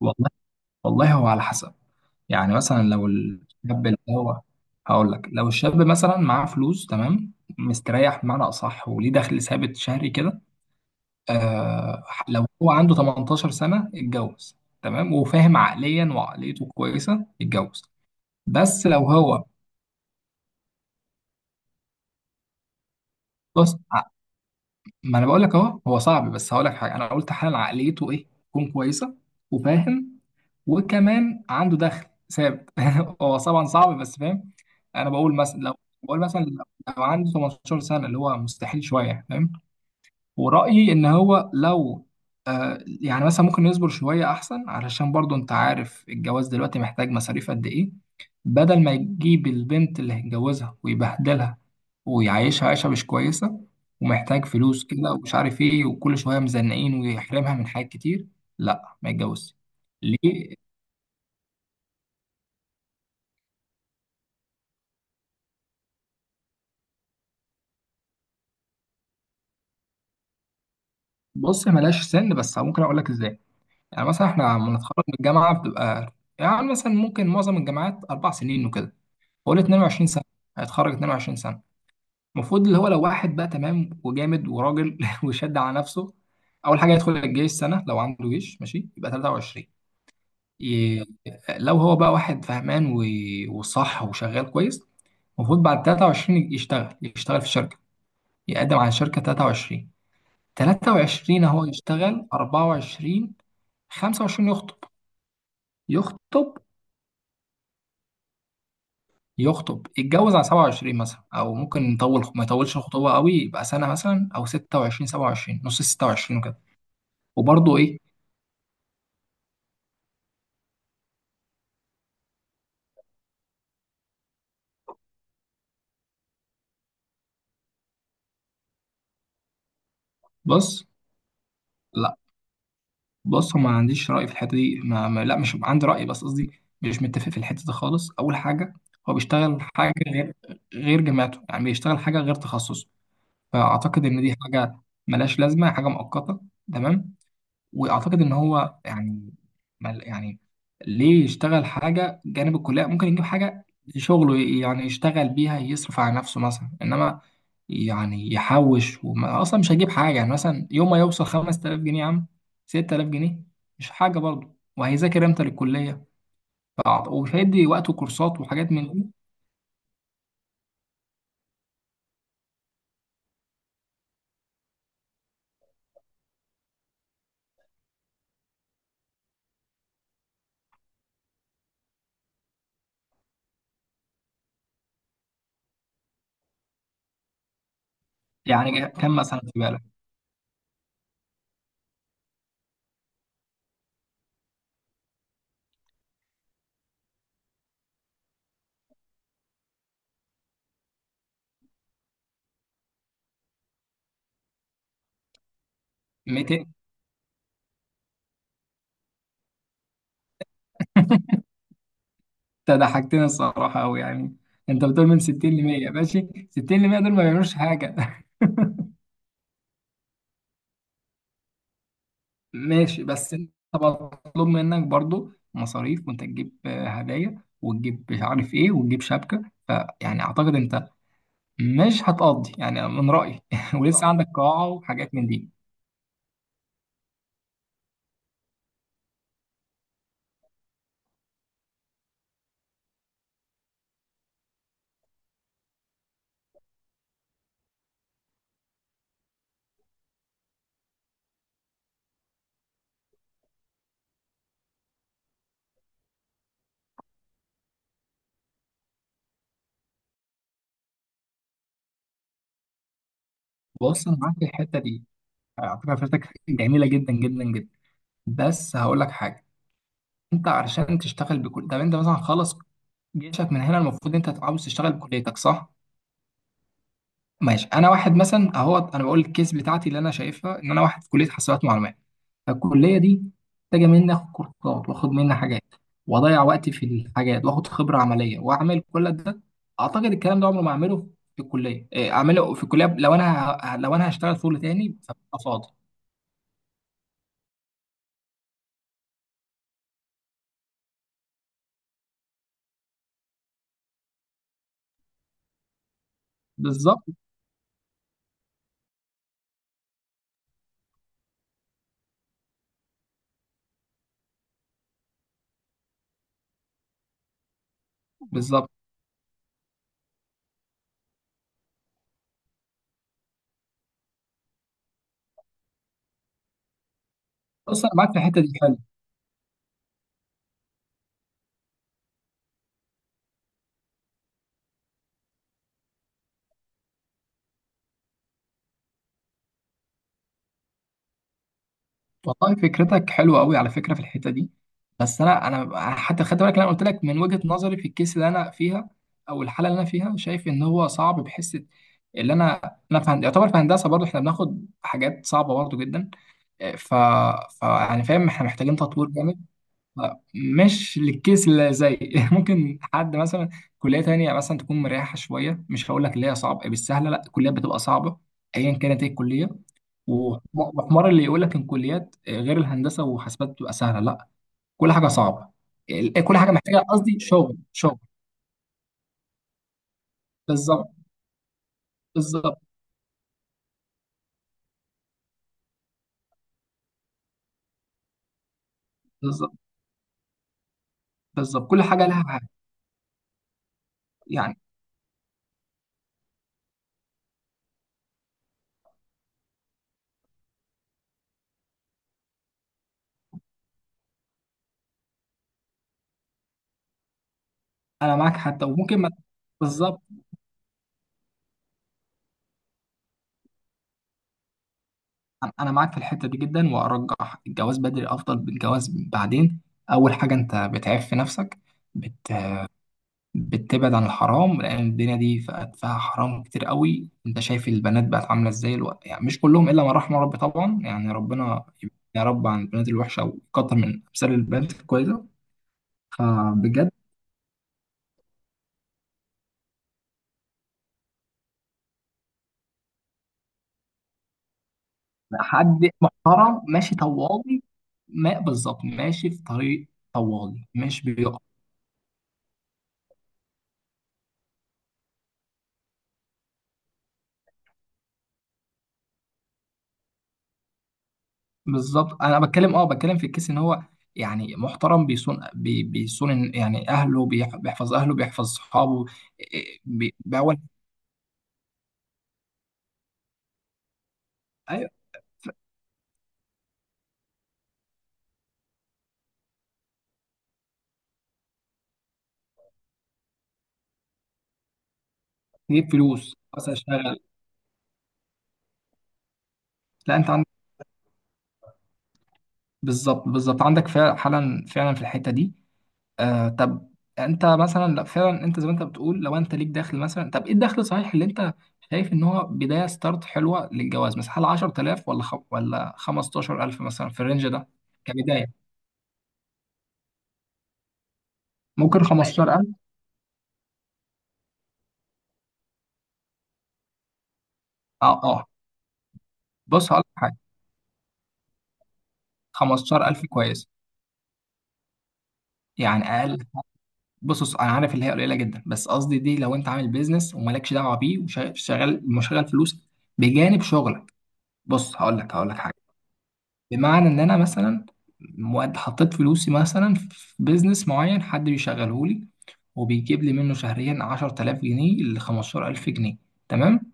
والله والله هو على حسب. يعني مثلا لو الشاب اللي هو، هقول لك لو الشاب مثلا معاه فلوس، تمام، مستريح بمعنى اصح وليه دخل ثابت شهري كده. لو هو عنده 18 سنه اتجوز، تمام وفاهم عقليا وعقليته كويسه اتجوز. بس لو هو بص، ما انا بقول لك اهو، هو صعب بس هقول لك حاجه. انا قلت حال عقليته ايه؟ تكون كويسه وفاهم، وكمان عنده دخل ثابت. هو طبعا صعب بس فاهم. انا بقول مثلا لو، بقول مثلا لو عنده 18 سنه، اللي هو مستحيل شويه فاهم. ورأيي إن هو لو، يعني مثلا ممكن يصبر شوية أحسن، علشان برضو أنت عارف الجواز دلوقتي محتاج مصاريف قد إيه. بدل ما يجيب البنت اللي هيتجوزها ويبهدلها ويعيشها عيشة مش كويسة، ومحتاج فلوس كده ومش عارف إيه، وكل شوية مزنقين ويحرمها من حاجات كتير، لا ما يتجوزش. ليه؟ بص، ملاش سن، بس ممكن أقول لك إزاي. يعني مثلا إحنا لما نتخرج من الجامعة بتبقى، يعني مثلا ممكن معظم الجامعات 4 سنين وكده، فقول 22 سنه، هيتخرج 22 سنه. المفروض اللي هو لو واحد بقى تمام وجامد وراجل وشد على نفسه، اول حاجه يدخل الجيش سنه لو عنده جيش، ماشي يبقى 23. ي... لو هو بقى واحد فهمان وصح وشغال كويس، المفروض بعد 23 يشتغل، في شركه، يقدم على شركه 23، 23 هو يشتغل 24، 25 يخطب، يخطب يتجوز على 27 مثلا، او ممكن نطول ما يطولش الخطوبه قوي، يبقى سنه مثلا او 26، 27، نص 26 وكده. وبرضه ايه، بص. لا، بص، ما عنديش راي في الحته دي. ما ما لا، مش عندي راي، بس قصدي مش متفق في الحته دي خالص. اول حاجه، هو بيشتغل حاجه غير، جامعته، يعني بيشتغل حاجه غير تخصصه. فاعتقد ان دي حاجه ملهاش لازمه، حاجه مؤقته، تمام. واعتقد ان هو يعني، يعني ليه يشتغل حاجه جانب الكليه؟ ممكن يجيب حاجه شغله يعني يشتغل بيها يصرف على نفسه مثلا، انما يعني يحوش، وما اصلا مش هيجيب حاجه. يعني مثلا يوم ما يوصل 5000 جنيه يا عم، 6000 جنيه، مش حاجه برضه، وهيذاكر امتى للكليه؟ ومش هيدي وقته كورسات وحاجات من دي. يعني كم مثلا في بالك؟ 200؟ انت ضحكتني الصراحه قوي يعني. انت بتقول من 60 ل 100؟ ماشي، 60 ل 100 دول ما بيعملوش حاجه. ماشي بس انت مطلوب منك برضو مصاريف، وانت تجيب هدايا، وتجيب مش عارف ايه، وتجيب شبكة، فيعني اعتقد انت مش هتقضي يعني، من رأيي. ولسه عندك قاعة وحاجات من دي. بص، انا معاك في الحتة دي على فكرة، فكرتك جميلة جدا جدا جدا، بس هقول لك حاجة. انت علشان تشتغل بكل، طب انت مثلا خلص جيشك من هنا، المفروض انت عاوز تشتغل بكليتك، صح؟ ماشي، انا واحد مثلا اهو، انا بقول الكيس بتاعتي اللي انا شايفها، ان انا واحد في كلية حاسبات معلومات، فالكلية دي محتاجة مني آخد كورسات، وآخد مني حاجات، وأضيع وقتي في الحاجات، وآخد خبرة عملية، وأعمل كل ده. أعتقد الكلام ده عمره ما أعمله في الكلية، إيه، أعمله في الكلية لو أنا لو أنا هشتغل شغل تاني فببقى فاضي. بالظبط، بالظبط. بص، أنا معاك في الحتة دي. والله فكرتك حلوه قوي على فكره في الحته دي، بس انا حتى خدت بالك، انا قلت لك من وجهه نظري في الكيس اللي انا فيها، او الحاله اللي انا فيها، شايف ان هو صعب. بحس اللي انا في يعتبر في هندسه برضه، احنا بناخد حاجات صعبه برضه جدا. ف... ف يعني فاهم احنا محتاجين تطوير جامد. ف- مش للكيس اللي زي ممكن حد مثلا كليه تانية مثلا تكون مريحه شويه، مش هقول لك اللي هي صعبه بالسهله، لا، الكليات بتبقى صعبه ايا كانت ايه الكليه. وحمار اللي يقول لك ان كليات غير الهندسه وحاسبات بتبقى سهله، لا، كل حاجه صعبه. إيه، كل حاجه محتاجه، قصدي شغل شغل. بالظبط، بالظبط. بالظبط، بالظبط، كل حاجه لها حاجه، يعني. انا معاك حتى، وممكن ما، بالظبط. أنا معاك في الحته دي جدا، وارجح الجواز بدري افضل من الجواز بعدين. اول حاجه، انت بتعف في نفسك، بتبعد عن الحرام، لان الدنيا دي فيها، حرام كتير قوي. انت شايف البنات بقت عامله ازاي الوقت؟ يعني مش كلهم الا من رحم ربي طبعا. يعني ربنا يبعد يا رب عن البنات الوحشه، ويكتر من امثال البنات الكويسه، فبجد. حد محترم ماشي طوالي. ما بالظبط، ماشي في طريق طوالي، مش بيقف. بالظبط، انا بتكلم، اه بتكلم في الكيس ان هو يعني محترم، بيصون بيصون يعني اهله، بيحفظ اهله، بيحفظ صحابه. إيه، بيعول، تجيب فلوس بس، اشتغل. لا، انت عندك، بالظبط، بالظبط عندك فعلا، فعلا، فعلا في الحته دي. آه، طب انت مثلا، لا فعلا، انت زي ما انت بتقول، لو انت ليك دخل مثلا، طب ايه الدخل صحيح اللي انت شايف ان هو بدايه ستارت حلوه للجواز؟ مثلا هل 10000 ولا ولا 15000 مثلا في الرينج ده، كبدايه؟ ممكن 15000. اه، اه. بص هقول لك حاجه، 15000 كويس، يعني اقل. بص، بص، انا عارف اللي هي قليله جدا، بس قصدي دي لو انت عامل بيزنس ومالكش دعوه بيه، وشغال مشغل فلوس بجانب شغلك. بص هقول لك، حاجه. بمعنى ان انا مثلا، حطيت فلوسي مثلا في بيزنس معين، حد بيشغله لي، وبيجيب لي منه شهريا 10000 جنيه ل 15000 جنيه، تمام،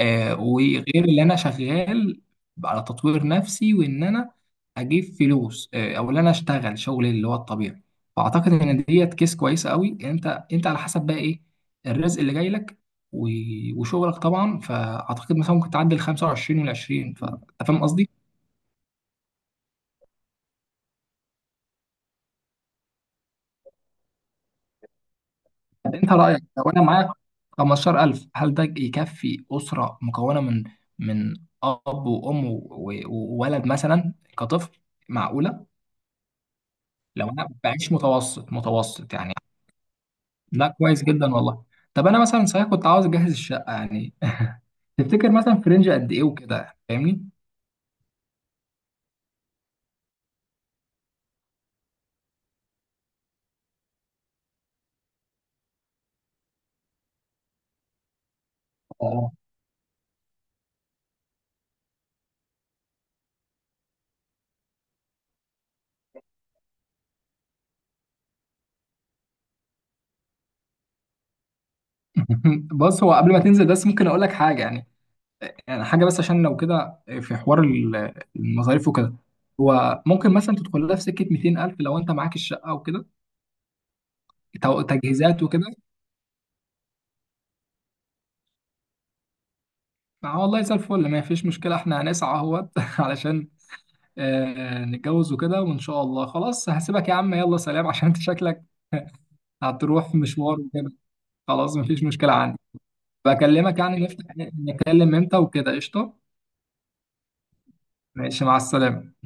آه، وغير اللي انا شغال على تطوير نفسي، وان انا اجيب فلوس، آه، او ان انا اشتغل شغل اللي هو الطبيعي. فاعتقد ان ديت كيس كويسه قوي. انت على حسب بقى ايه الرزق اللي جاي لك، و- وشغلك طبعا. فاعتقد مثلا ممكن تعدي ال 25 وال 20، فانت فاهم قصدي؟ انت رايك لو انا معاك 15000، هل ده يكفي اسره مكونه من، من اب وام وولد مثلا كطفل، معقوله؟ لو انا بعيش متوسط، متوسط يعني. لا، كويس جدا والله. طب انا مثلا صحيح كنت عاوز اجهز الشقه يعني، تفتكر مثلا في رينج قد ايه وكده، فاهمني؟ اه. بص، هو قبل ما تنزل بس ممكن اقول لك حاجه يعني، يعني حاجه بس عشان لو كده في حوار المصاريف وكده. هو ممكن مثلا تدخل لها في سكه 200000 لو انت معاك الشقه وكده، تجهيزات وكده. آه والله زي الفل، ما فيش مشكلة، احنا هنسعى اهوت علشان آه، نتجوز وكده، وان شاء الله. خلاص، هسيبك يا عم، يلا سلام، عشان انت شكلك هتروح مشوار وكده. خلاص، ما فيش مشكلة عندي. بكلمك يعني، نفتح نتكلم امتى وكده، قشطة. ماشي، مع السلامة.